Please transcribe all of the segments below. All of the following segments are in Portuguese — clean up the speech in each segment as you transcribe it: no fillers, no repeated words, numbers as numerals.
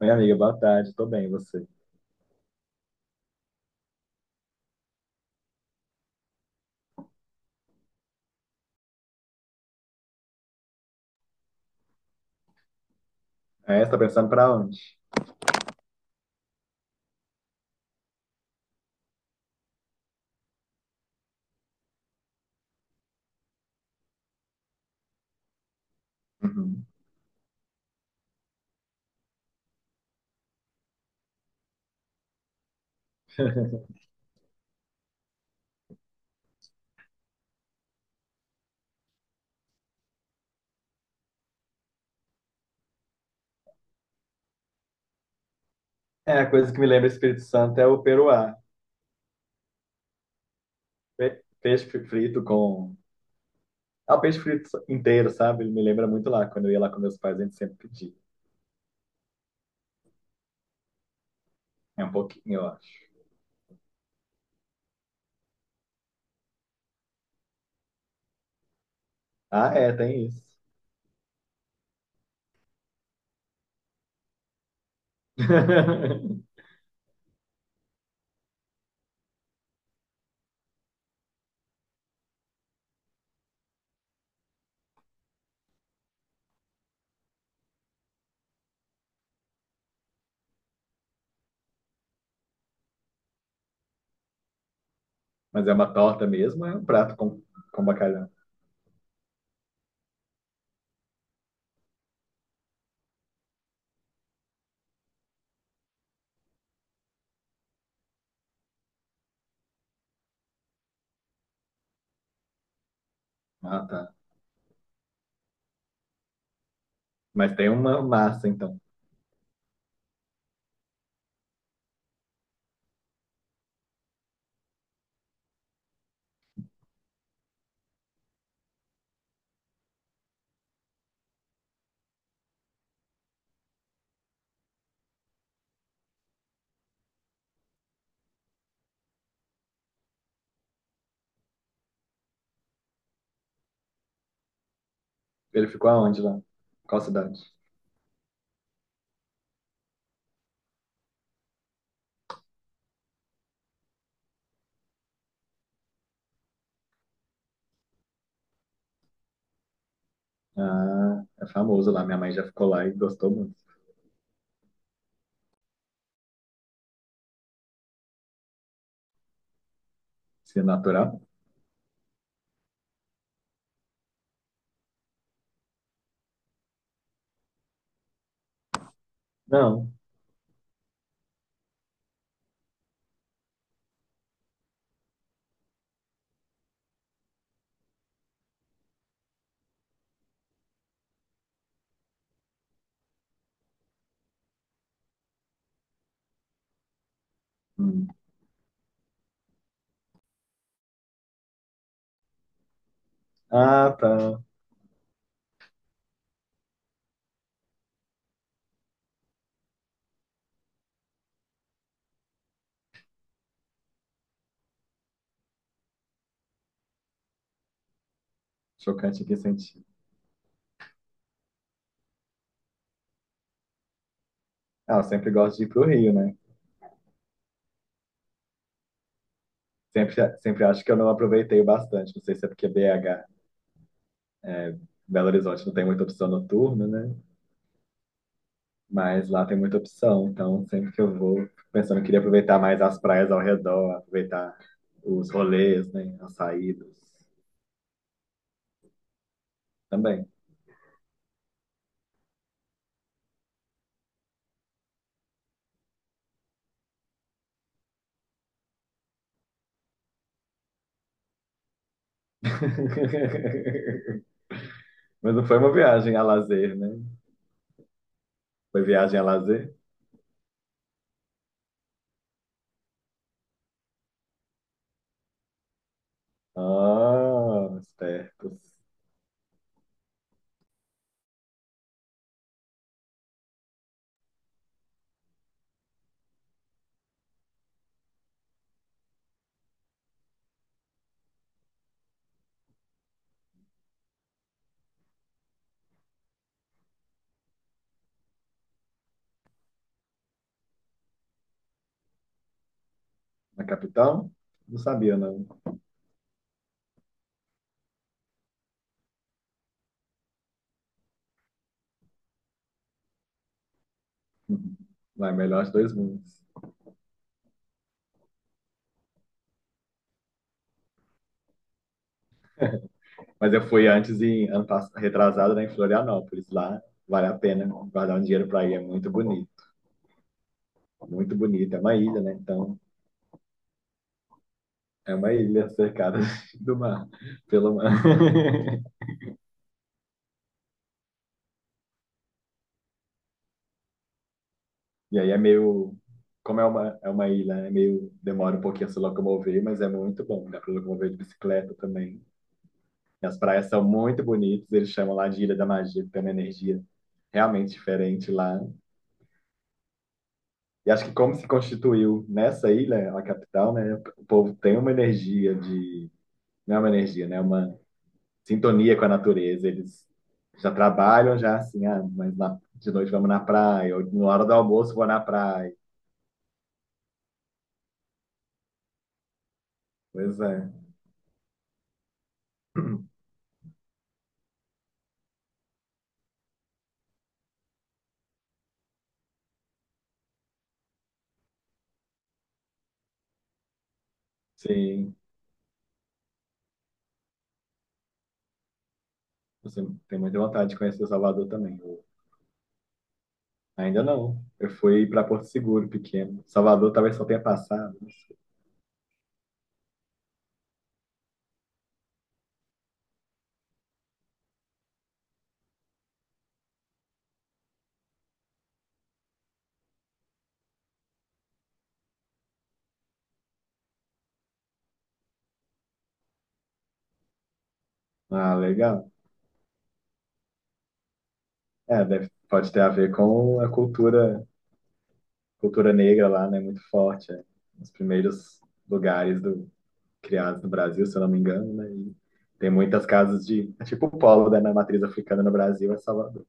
Oi, amiga, boa tarde, tô bem, e você? É, você tá pensando pra onde? Uhum. É, a coisa que me lembra Espírito Santo é o peruá. Peixe frito com... Ah, o peixe frito inteiro, sabe? Ele me lembra muito lá, quando eu ia lá com meus pais, a gente sempre pedia. É um pouquinho, eu acho. Ah, é, tem isso. Mas é uma torta mesmo, é um prato com bacalhau. Ah, tá. Mas tem uma massa, então. Ele ficou aonde lá? Qual cidade? Ah, é famoso lá. Minha mãe já ficou lá e gostou muito. Se é natural? Não. Hum. Ah, tá. Chocante em que sentido? Ah, eu sempre gosto de ir pro Rio, né? Sempre, sempre acho que eu não aproveitei o bastante. Não sei se é porque BH, Belo Horizonte, não tem muita opção noturna, né? Mas lá tem muita opção. Então, sempre que eu vou, fico pensando que queria aproveitar mais as praias ao redor, aproveitar os rolês, né? As saídas também. Mas não foi uma viagem a lazer, né? Foi viagem a lazer? Ah, espertos. Na capital? Não sabia, não. Vai melhor os dois mundos. Mas eu fui antes em retrasado, né, em Florianópolis. Lá vale a pena guardar um dinheiro para ir. É muito bonito. Muito bonito. É uma ilha, né? Então, é uma ilha cercada do mar, pelo mar. E aí é meio. Como é uma ilha, é meio. Demora um pouquinho a se locomover, mas é muito bom. Dá para locomover de bicicleta também. E as praias são muito bonitas. Eles chamam lá de Ilha da Magia, que tem uma energia realmente diferente lá. E acho que como se constituiu nessa ilha, a capital, né? O povo tem uma energia de, não é uma energia, né? Uma sintonia com a natureza. Eles já trabalham já assim, ah, mas de noite vamos na praia, ou na hora do almoço vou na praia. Pois é. Sim, você tem muita vontade de conhecer Salvador também. Ainda não. Eu fui para Porto Seguro, pequeno. Salvador talvez só tenha passado, não sei. Ah, legal. É, deve, pode ter a ver com a cultura negra lá, né, muito forte, é um dos primeiros lugares do, criados no Brasil, se eu não me engano, né, e tem muitas casas de, é tipo o polo, né, na matriz africana no Brasil é Salvador,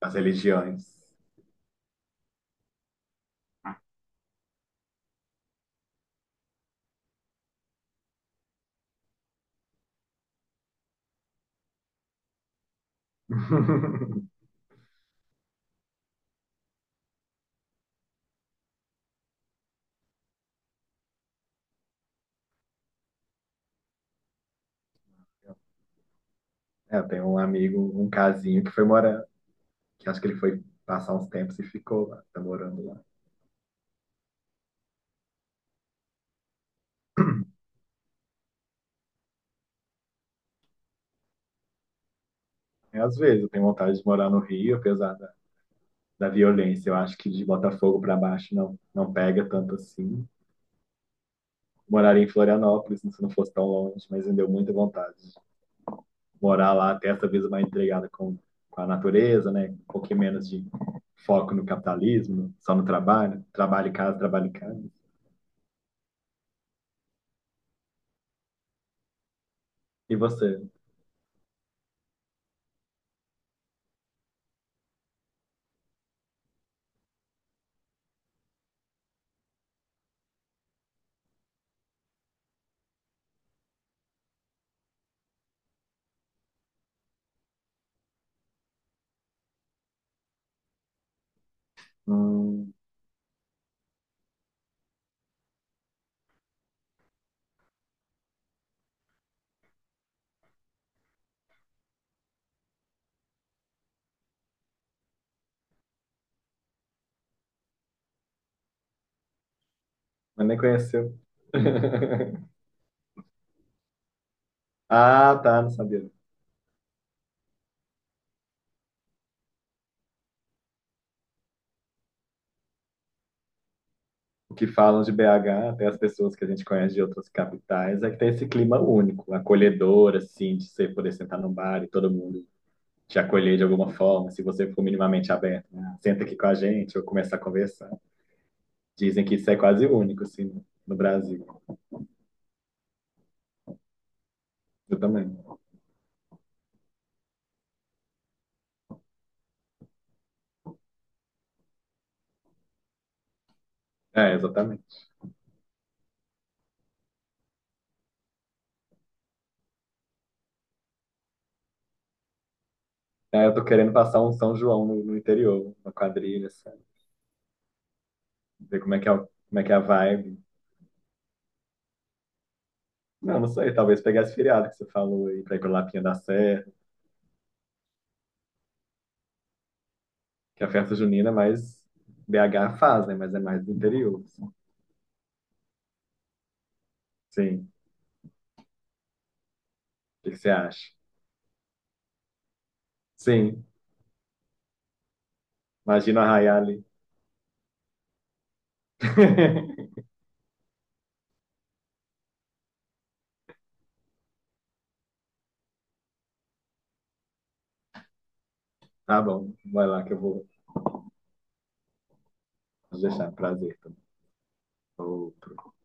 as religiões. É, eu tenho um amigo, um casinho que foi morar, que acho que ele foi passar uns tempos e ficou lá, tá morando lá. É, às vezes eu tenho vontade de morar no Rio, apesar da, da violência, eu acho que de Botafogo para baixo não, não pega tanto assim. Moraria em Florianópolis, se não fosse tão longe, mas me deu muita vontade morar lá, ter essa vida mais entregada com a natureza, né? Um pouquinho menos de foco no capitalismo, só no trabalho, trabalho em casa, trabalho em casa. E você? Hum, mas nem conheceu. Ah, tá, não sabia. O que falam de BH, até as pessoas que a gente conhece de outras capitais, é que tem esse clima único, acolhedor, assim, de você poder sentar num bar e todo mundo te acolher de alguma forma, se você for minimamente aberto, né? Senta aqui com a gente ou começa a conversar. Dizem que isso é quase único, assim, no Brasil. Eu também. É, exatamente. É, eu tô querendo passar um São João no interior, uma quadrilha, sabe? Ver como é que é, como é que é a vibe. Não, não sei, talvez pegar esse feriado que você falou aí pra ir pra Lapinha da Serra, que a festa junina é mais BH faz, né? Mas é mais do interior, assim. Sim. O que que você acha? Sim. Imagina arraiar ali. Tá bom, vai lá que eu vou deixar. Prazer, então. Outro.